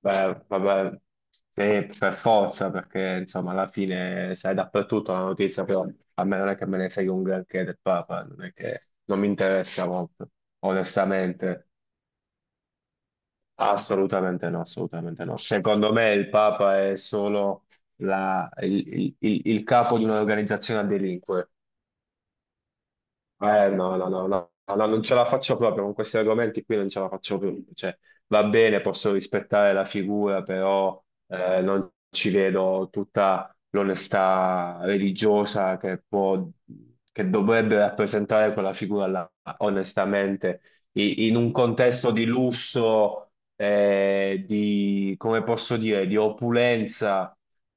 Beh, vabbè, per forza, perché insomma alla fine sai dappertutto la notizia, però a me non è che me ne frega un granché del Papa, non è che non mi interessa molto, onestamente, assolutamente no, assolutamente no. Secondo me il Papa è solo il capo di un'organizzazione a delinquere. No, no, no, no, no, non ce la faccio proprio con questi argomenti qui, non ce la faccio più. Cioè, va bene, posso rispettare la figura, però non ci vedo tutta l'onestà religiosa che può, che dovrebbe rappresentare quella figura là, onestamente. In un contesto di lusso, di, come posso dire, di opulenza.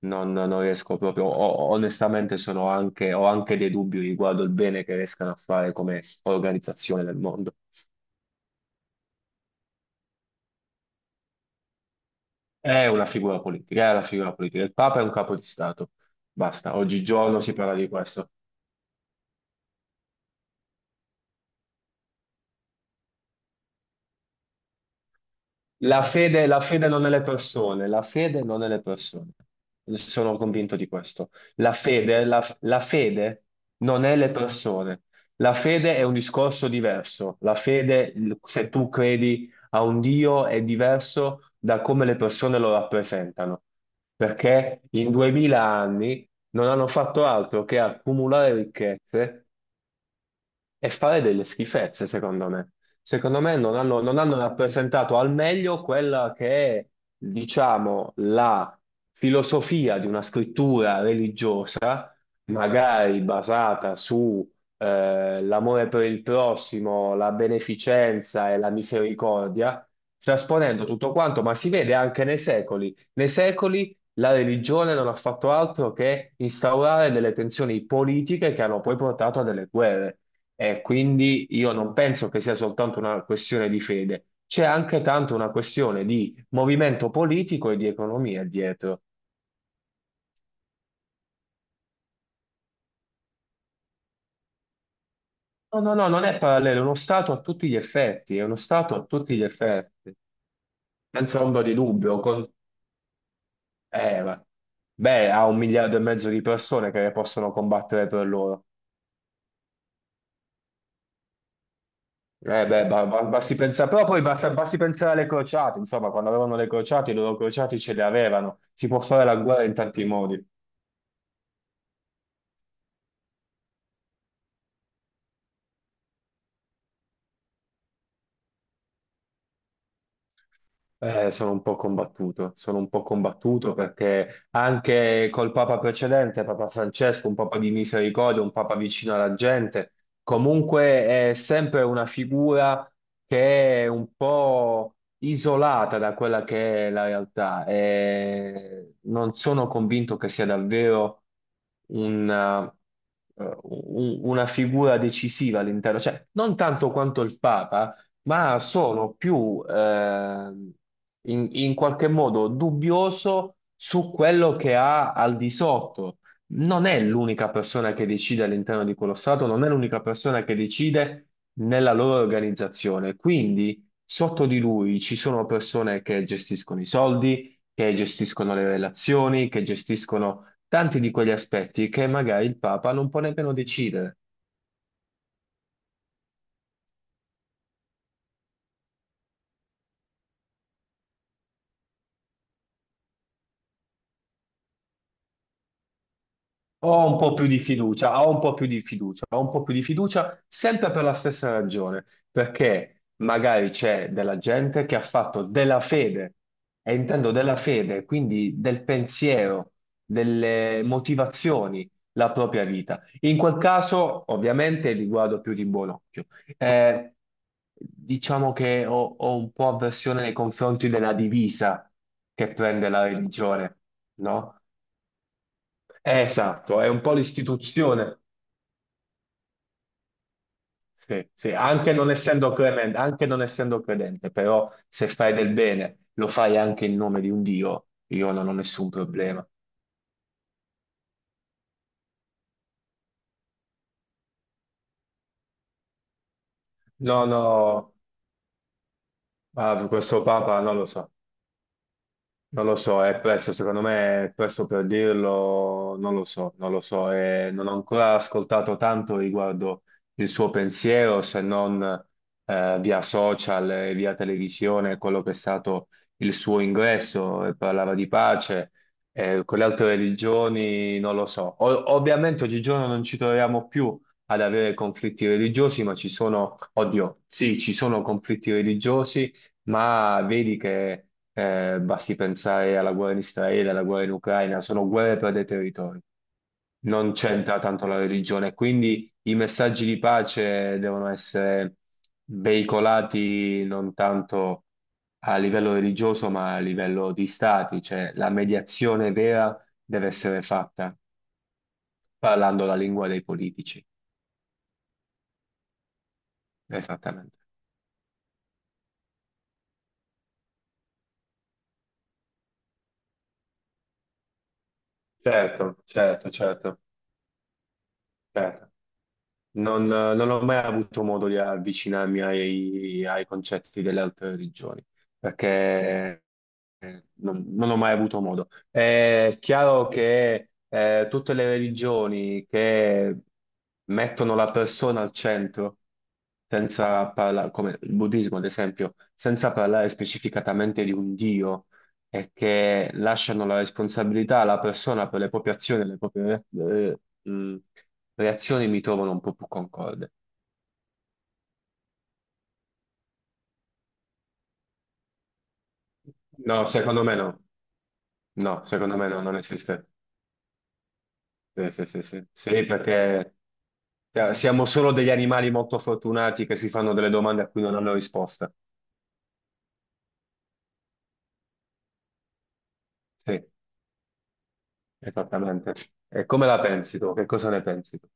Non riesco proprio, onestamente sono anche, ho anche dei dubbi riguardo il bene che riescano a fare come organizzazione del mondo. È una figura politica, è una figura politica. Il Papa è un capo di Stato. Basta, oggigiorno si parla di questo. La fede non è le persone, la fede non è le persone. Sono convinto di questo. La fede, la fede non è le persone. La fede è un discorso diverso. La fede, se tu credi a un Dio, è diverso da come le persone lo rappresentano. Perché in duemila anni non hanno fatto altro che accumulare ricchezze e fare delle schifezze, secondo me. Secondo me non hanno rappresentato al meglio quella che è, diciamo, la filosofia di una scrittura religiosa, magari basata su l'amore per il prossimo, la beneficenza e la misericordia, trasponendo tutto quanto, ma si vede anche nei secoli. Nei secoli la religione non ha fatto altro che instaurare delle tensioni politiche che hanno poi portato a delle guerre. E quindi io non penso che sia soltanto una questione di fede, c'è anche tanto una questione di movimento politico e di economia dietro. No, no, no, non è parallelo, è uno Stato a tutti gli effetti, è uno Stato a tutti gli effetti, senza ombra di dubbio. Eh, ma- Beh, ha un miliardo e mezzo di persone che possono combattere per loro. Beh, basti pensare, però poi basti pensare alle crociate, insomma, quando avevano le crociate, i loro crociati ce le avevano, si può fare la guerra in tanti modi. Sono un po' combattuto, sono un po' combattuto perché anche col Papa precedente, Papa Francesco, un Papa di misericordia, un Papa vicino alla gente, comunque è sempre una figura che è un po' isolata da quella che è la realtà e non sono convinto che sia davvero una, una figura decisiva all'interno, cioè non tanto quanto il Papa ma sono più in, in qualche modo dubbioso su quello che ha al di sotto. Non è l'unica persona che decide all'interno di quello Stato, non è l'unica persona che decide nella loro organizzazione. Quindi sotto di lui ci sono persone che gestiscono i soldi, che gestiscono le relazioni, che gestiscono tanti di quegli aspetti che magari il Papa non può nemmeno decidere. Ho un po' più di fiducia, ho un po' più di fiducia, ho un po' più di fiducia sempre per la stessa ragione, perché magari c'è della gente che ha fatto della fede, e intendo della fede, quindi del pensiero, delle motivazioni, la propria vita. In quel caso, ovviamente, li guardo più di buon occhio. Eh, diciamo che ho, ho un po' avversione nei confronti della divisa che prende la religione, no? Esatto, è un po' l'istituzione, sì, sì, anche non essendo credente, però se fai del bene lo fai anche in nome di un Dio, io non ho nessun problema. No, no, ah, questo Papa non lo so. Non lo so, è presto, secondo me è presto per dirlo, non lo so, non lo so, e non ho ancora ascoltato tanto riguardo il suo pensiero, se non via social e via televisione, quello che è stato il suo ingresso, e parlava di pace, con le altre religioni non lo so. Ovviamente oggigiorno non ci troviamo più ad avere conflitti religiosi, ma ci sono, oddio, sì, ci sono conflitti religiosi ma vedi che basti pensare alla guerra in Israele, alla guerra in Ucraina, sono guerre per dei territori, non c'entra tanto la religione, quindi i messaggi di pace devono essere veicolati non tanto a livello religioso, ma a livello di stati, cioè la mediazione vera deve essere fatta parlando la lingua dei politici, esattamente. Certo, certo, certo, certo. Non ho mai avuto modo di avvicinarmi ai, ai concetti delle altre religioni, perché non ho mai avuto modo. È chiaro che tutte le religioni che mettono la persona al centro, senza parlare, come il buddismo ad esempio, senza parlare specificatamente di un Dio è che lasciano la responsabilità alla persona per le proprie azioni, e le proprie re- eh, mh, reazioni mi trovano un po' più concorde. No, secondo me no. No, secondo me no, non esiste. Sì, sì, sì, sì. Sì, perché siamo solo degli animali molto fortunati che si fanno delle domande a cui non hanno risposta. Sì, esattamente. E come la pensi tu? Che cosa ne pensi tu?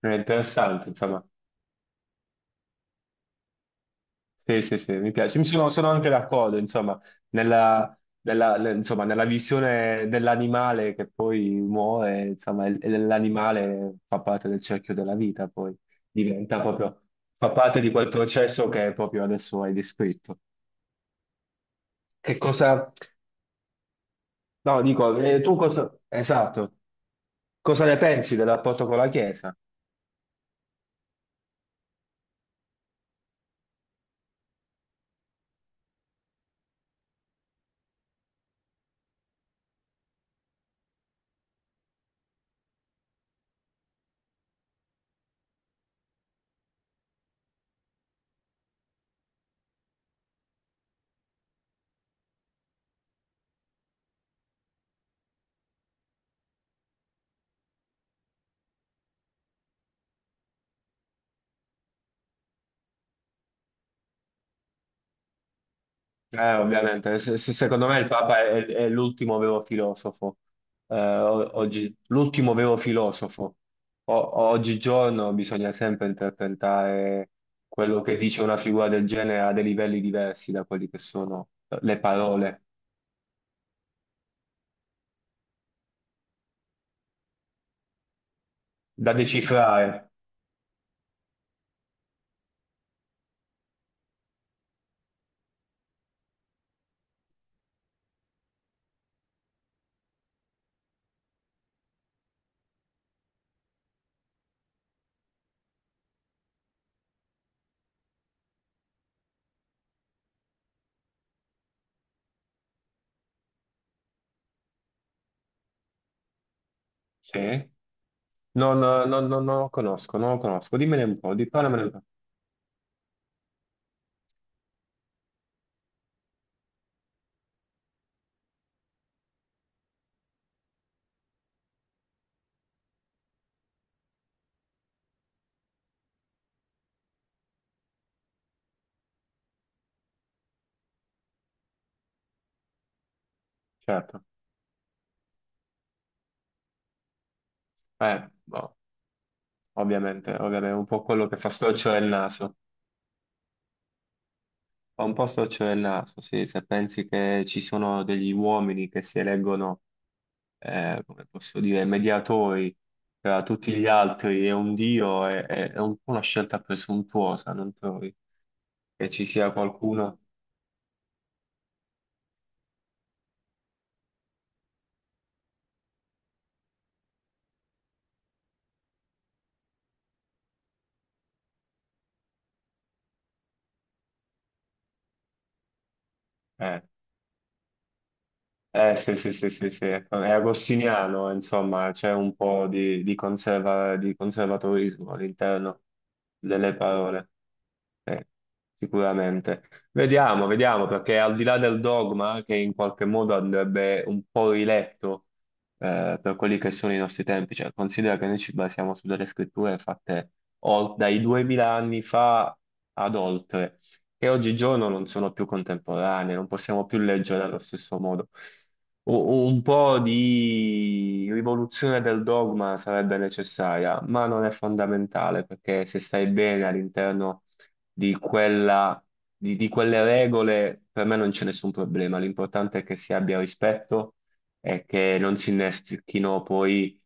È interessante, insomma. Sì, sì, sì, mi piace. Sono anche d'accordo, insomma, nella, insomma, nella visione dell'animale che poi muore, insomma, e l'animale fa parte del cerchio della vita, poi diventa proprio, fa parte di quel processo che proprio adesso hai descritto. Che cosa, no, dico, tu cosa, esatto, cosa ne pensi del rapporto con la Chiesa? Ovviamente, secondo me il Papa è l'ultimo vero filosofo, oggi, l'ultimo vero filosofo. Oggigiorno bisogna sempre interpretare quello che dice una figura del genere a dei livelli diversi da quelli che sono le parole, da decifrare. Sì? Non lo conosco, non lo conosco. Dimmene un po', di parlamene un po'. Certo, eh, boh, ovviamente, ovviamente, è un po' quello che fa storcere il naso. Ho un po' storcere il naso, sì, se pensi che ci sono degli uomini che si eleggono, come posso dire, mediatori tra tutti gli altri e un dio, è un po' una scelta presuntuosa, non trovi? Che ci sia qualcuno? Eh. Eh sì, sì, sì, sì, sì, è agostiniano, insomma, c'è un po' di, di conservatorismo all'interno delle parole, eh, sicuramente. Vediamo, vediamo, perché al di là del dogma, che in qualche modo andrebbe un po' riletto per quelli che sono i nostri tempi, cioè considera che noi ci basiamo su delle scritture fatte dai 2000 anni fa ad oltre che oggigiorno non sono più contemporanee, non possiamo più leggere allo stesso modo. U- Un po' di rivoluzione del dogma sarebbe necessaria, ma non è fondamentale perché se stai bene all'interno di quella, di quelle regole, per me non c'è nessun problema. L'importante è che si abbia rispetto e che non si innestechino poi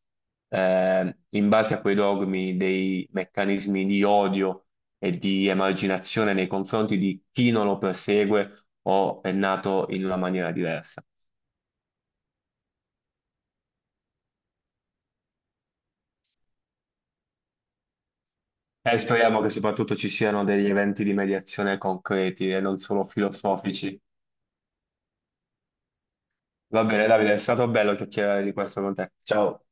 in base a quei dogmi dei meccanismi di odio e di emarginazione nei confronti di chi non lo persegue o è nato in una maniera diversa. E speriamo che soprattutto ci siano degli eventi di mediazione concreti e non solo filosofici. Va bene, Davide, è stato bello chiacchierare di questo con te. Ciao.